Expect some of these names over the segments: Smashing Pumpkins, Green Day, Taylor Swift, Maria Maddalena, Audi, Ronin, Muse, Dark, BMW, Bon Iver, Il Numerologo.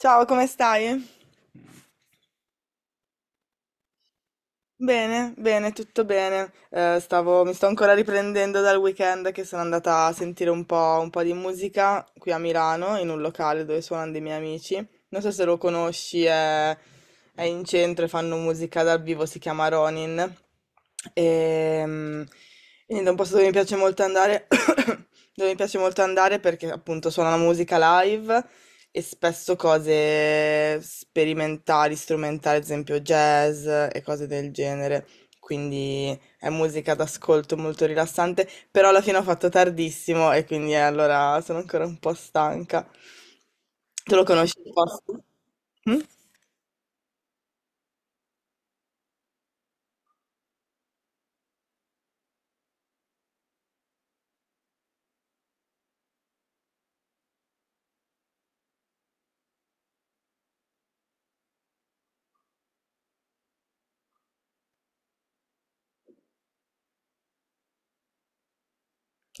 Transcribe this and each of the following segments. Ciao, come stai? Bene, bene, tutto bene. Mi sto ancora riprendendo dal weekend che sono andata a sentire un po' di musica qui a Milano, in un locale dove suonano dei miei amici. Non so se lo conosci, è in centro e fanno musica dal vivo, si chiama Ronin. E, quindi da un posto dove mi piace molto andare, dove mi piace molto andare perché appunto suona la musica live e spesso cose sperimentali, strumentali, ad esempio jazz e cose del genere. Quindi è musica d'ascolto molto rilassante, però alla fine ho fatto tardissimo e quindi, allora sono ancora un po' stanca. Tu lo conosci il posto? Mm?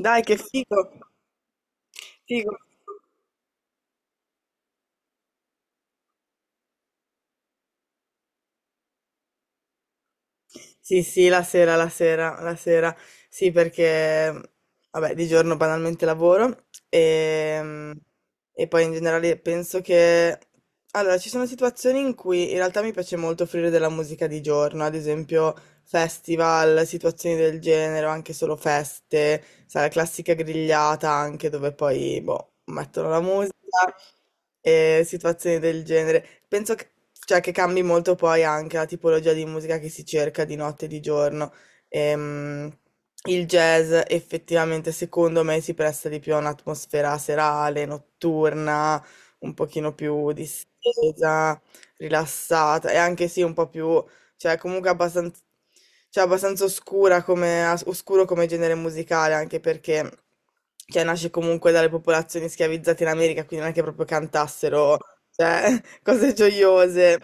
Dai, che figo! Figo. Sì, sì, la sera, la sera, la sera. Sì, vabbè, di giorno banalmente lavoro e, e poi in generale penso che... Allora, ci sono situazioni in cui in realtà mi piace molto offrire della musica di giorno, ad esempio festival, situazioni del genere, o anche solo feste, sai, la classica grigliata anche dove poi, boh, mettono la e situazioni del genere. Penso che, cioè, che cambi molto poi anche la tipologia di musica che si cerca di notte e di giorno. Ehm, il jazz effettivamente secondo me si presta di più a un'atmosfera serale, notturna, un pochino più distesa, rilassata e anche sì un po' più cioè comunque abbastanza, cioè, abbastanza oscura come, oscuro come genere musicale, anche perché cioè, nasce comunque dalle popolazioni schiavizzate in America, quindi non è che proprio cantassero cioè, cose gioiose.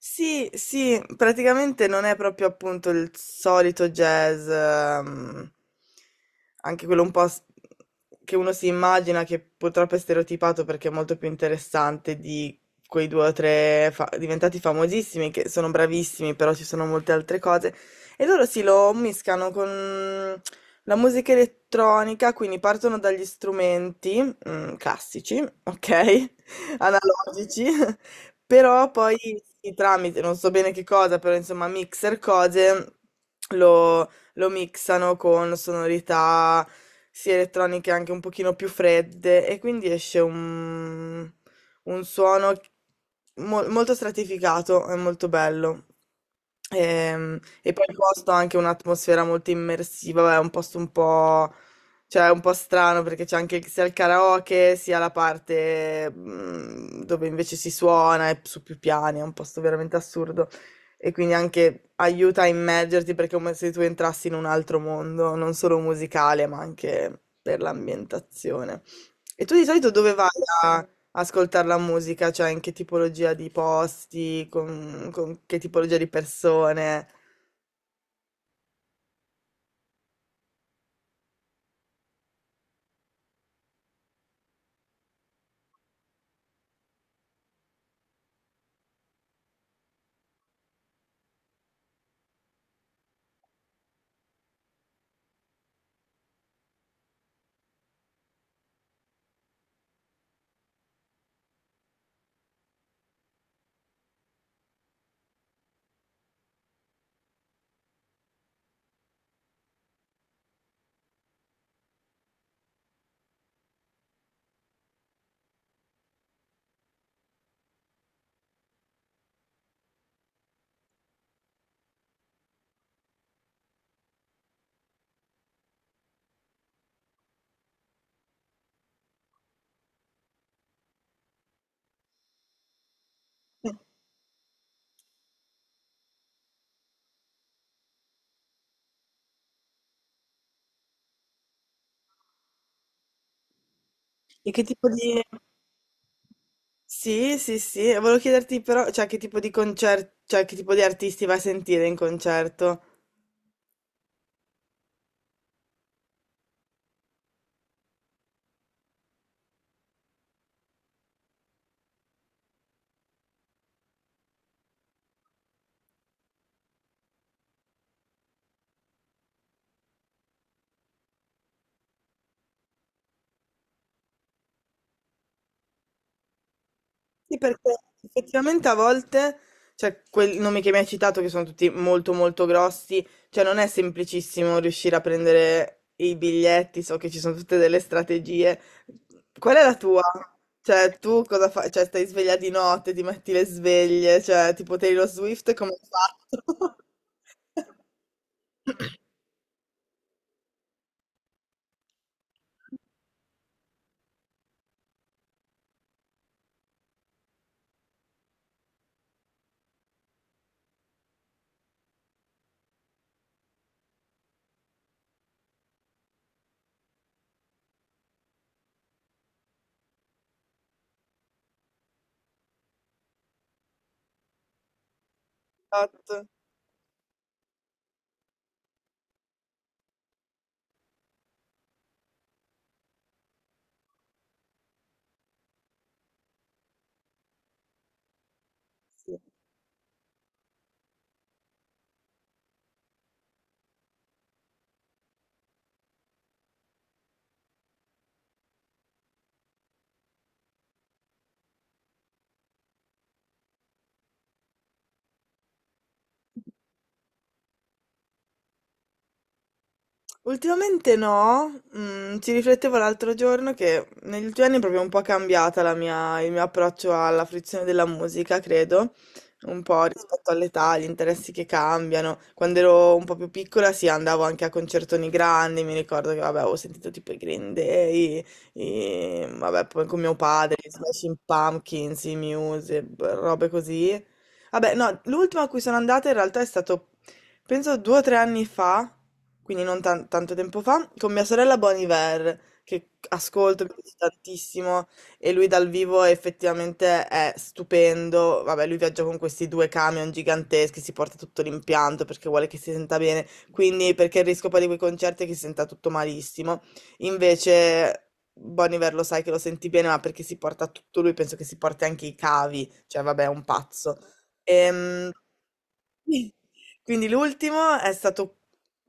Sì, sì, praticamente non è proprio appunto il solito jazz, anche quello un po' che uno si immagina che purtroppo è stereotipato perché è molto più interessante di quei due o tre diventati famosissimi che sono bravissimi, però ci sono molte altre cose. E loro si lo mischiano con la musica elettronica, quindi partono dagli strumenti, mm, classici, ok? Analogici. Però poi sì, tramite, non so bene che cosa, però insomma mixer cose lo mixano con sonorità sia elettroniche anche un pochino più fredde e quindi esce un suono molto stratificato e molto bello. Poi il posto ha anche un'atmosfera molto immersiva, vabbè, è un posto un po'. Cioè, è un po' strano perché c'è anche sia il karaoke sia la parte mm, dove invece si suona e su più piani, è un posto veramente assurdo. E quindi anche aiuta a immergerti perché è come se tu entrassi in un altro mondo, non solo musicale, ma anche per l'ambientazione. E tu di solito dove vai a ascoltare la musica? Cioè, in che tipologia di posti, con che tipologia di persone? E che tipo di... Sì, e volevo chiederti però, cioè, che tipo di concerto, cioè, che tipo di artisti vai a sentire in concerto? Sì, perché effettivamente a volte, cioè, quei nomi che mi hai citato, che sono tutti molto grossi, cioè, non è semplicissimo riuscire a prendere i biglietti, so che ci sono tutte delle strategie. Qual è la tua? Cioè, tu cosa fai? Cioè, stai sveglia di notte, ti metti le sveglie, cioè, tipo Taylor Swift, come hai fatto? Esatto, sì. Ultimamente no, mm, ci riflettevo l'altro giorno che negli ultimi anni è proprio un po' cambiata il mio approccio alla fruizione della musica, credo, un po' rispetto all'età, agli interessi che cambiano. Quando ero un po' più piccola, sì, andavo anche a concertoni grandi, mi ricordo che, vabbè, avevo sentito tipo i Green Day, vabbè, poi con mio padre, i Smashing Pumpkins, i Muse, robe così. Vabbè, no, l'ultima a cui sono andata in realtà è stato penso due o tre anni fa, quindi non tanto tempo fa, con mia sorella Bon Iver, che ascolto, mi piace tantissimo, e lui dal vivo effettivamente è stupendo. Vabbè, lui viaggia con questi due camion giganteschi, si porta tutto l'impianto perché vuole che si senta bene, quindi perché il rischio poi di quei concerti è che si senta tutto malissimo. Invece... Bon Iver lo sai che lo senti bene, ma perché si porta tutto lui, penso che si porti anche i cavi, cioè vabbè, è un pazzo. Ehm, Quindi l'ultimo è stato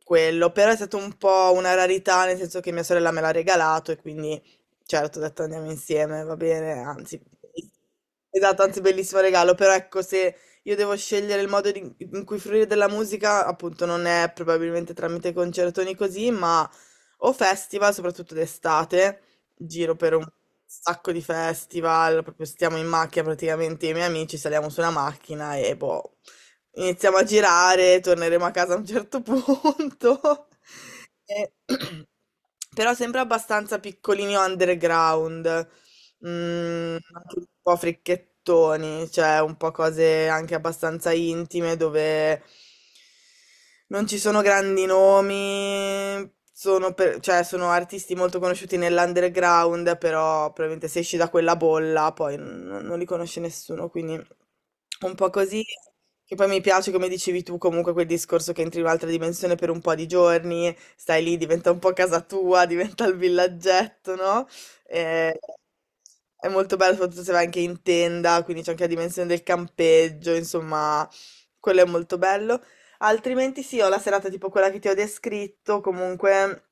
quello, però è stato un po' una rarità, nel senso che mia sorella me l'ha regalato e quindi certo ho detto andiamo insieme, va bene, anzi, esatto, anzi bellissimo regalo, però ecco se io devo scegliere in cui fruire della musica, appunto non è probabilmente tramite concertoni così, ma o festival, soprattutto d'estate, giro per un sacco di festival, proprio stiamo in macchina praticamente, io e i miei amici saliamo su una macchina e boh. Iniziamo a girare, torneremo a casa a un certo punto. E- Però sempre abbastanza piccolini underground mhmm, anche un po' fricchettoni, cioè un po' cose anche abbastanza intime dove non ci sono grandi nomi, sono per cioè sono artisti molto conosciuti nell'underground, però probabilmente se esci da quella bolla poi non li conosce nessuno, quindi un po' così. Che poi mi piace, come dicevi tu, comunque quel discorso che entri in un'altra dimensione per un po' di giorni, stai lì, diventa un po' casa tua, diventa il villaggetto, no? Eh, è molto bello, soprattutto se vai anche in tenda, quindi c'è anche la dimensione del campeggio, insomma, quello è molto bello. Altrimenti sì, ho la serata tipo quella che ti ho descritto, comunque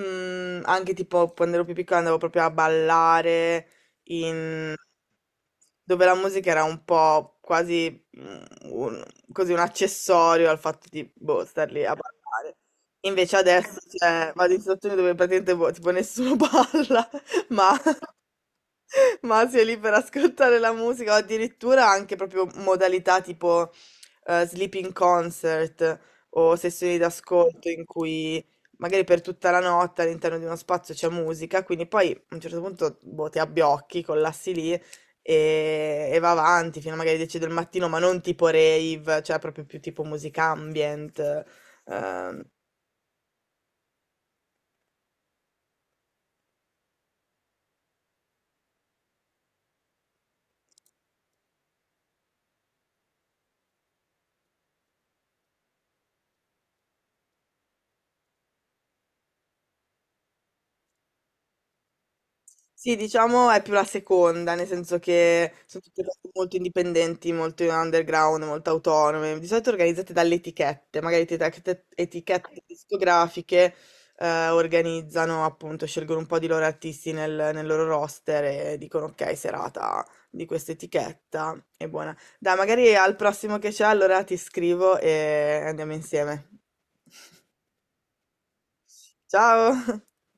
mm, anche tipo quando ero più piccola andavo proprio a ballare in... dove la musica era un po' quasi mm, un, così un accessorio al fatto di boh, star lì a ballare. Invece adesso cioè, vado in situazioni dove praticamente boh, tipo nessuno balla ma, ma si è lì per ascoltare la musica, o addirittura anche proprio modalità tipo sleeping concert o sessioni d'ascolto in cui magari per tutta la notte all'interno di uno spazio c'è musica, quindi poi a un certo punto boh, ti abbiocchi, collassi lì e va avanti fino a magari 10 del mattino, ma non tipo rave, cioè proprio più tipo musica ambient. ehm, Sì, diciamo è più la seconda, nel senso che sono tutte cose molto indipendenti, molto underground, molto autonome, di solito organizzate dalle etichette, magari etichette discografiche organizzano, appunto, scelgono un po' di loro artisti nel loro roster e dicono ok, serata di questa etichetta, è buona. Dai, magari al prossimo che c'è, allora ti scrivo e andiamo insieme. Ciao!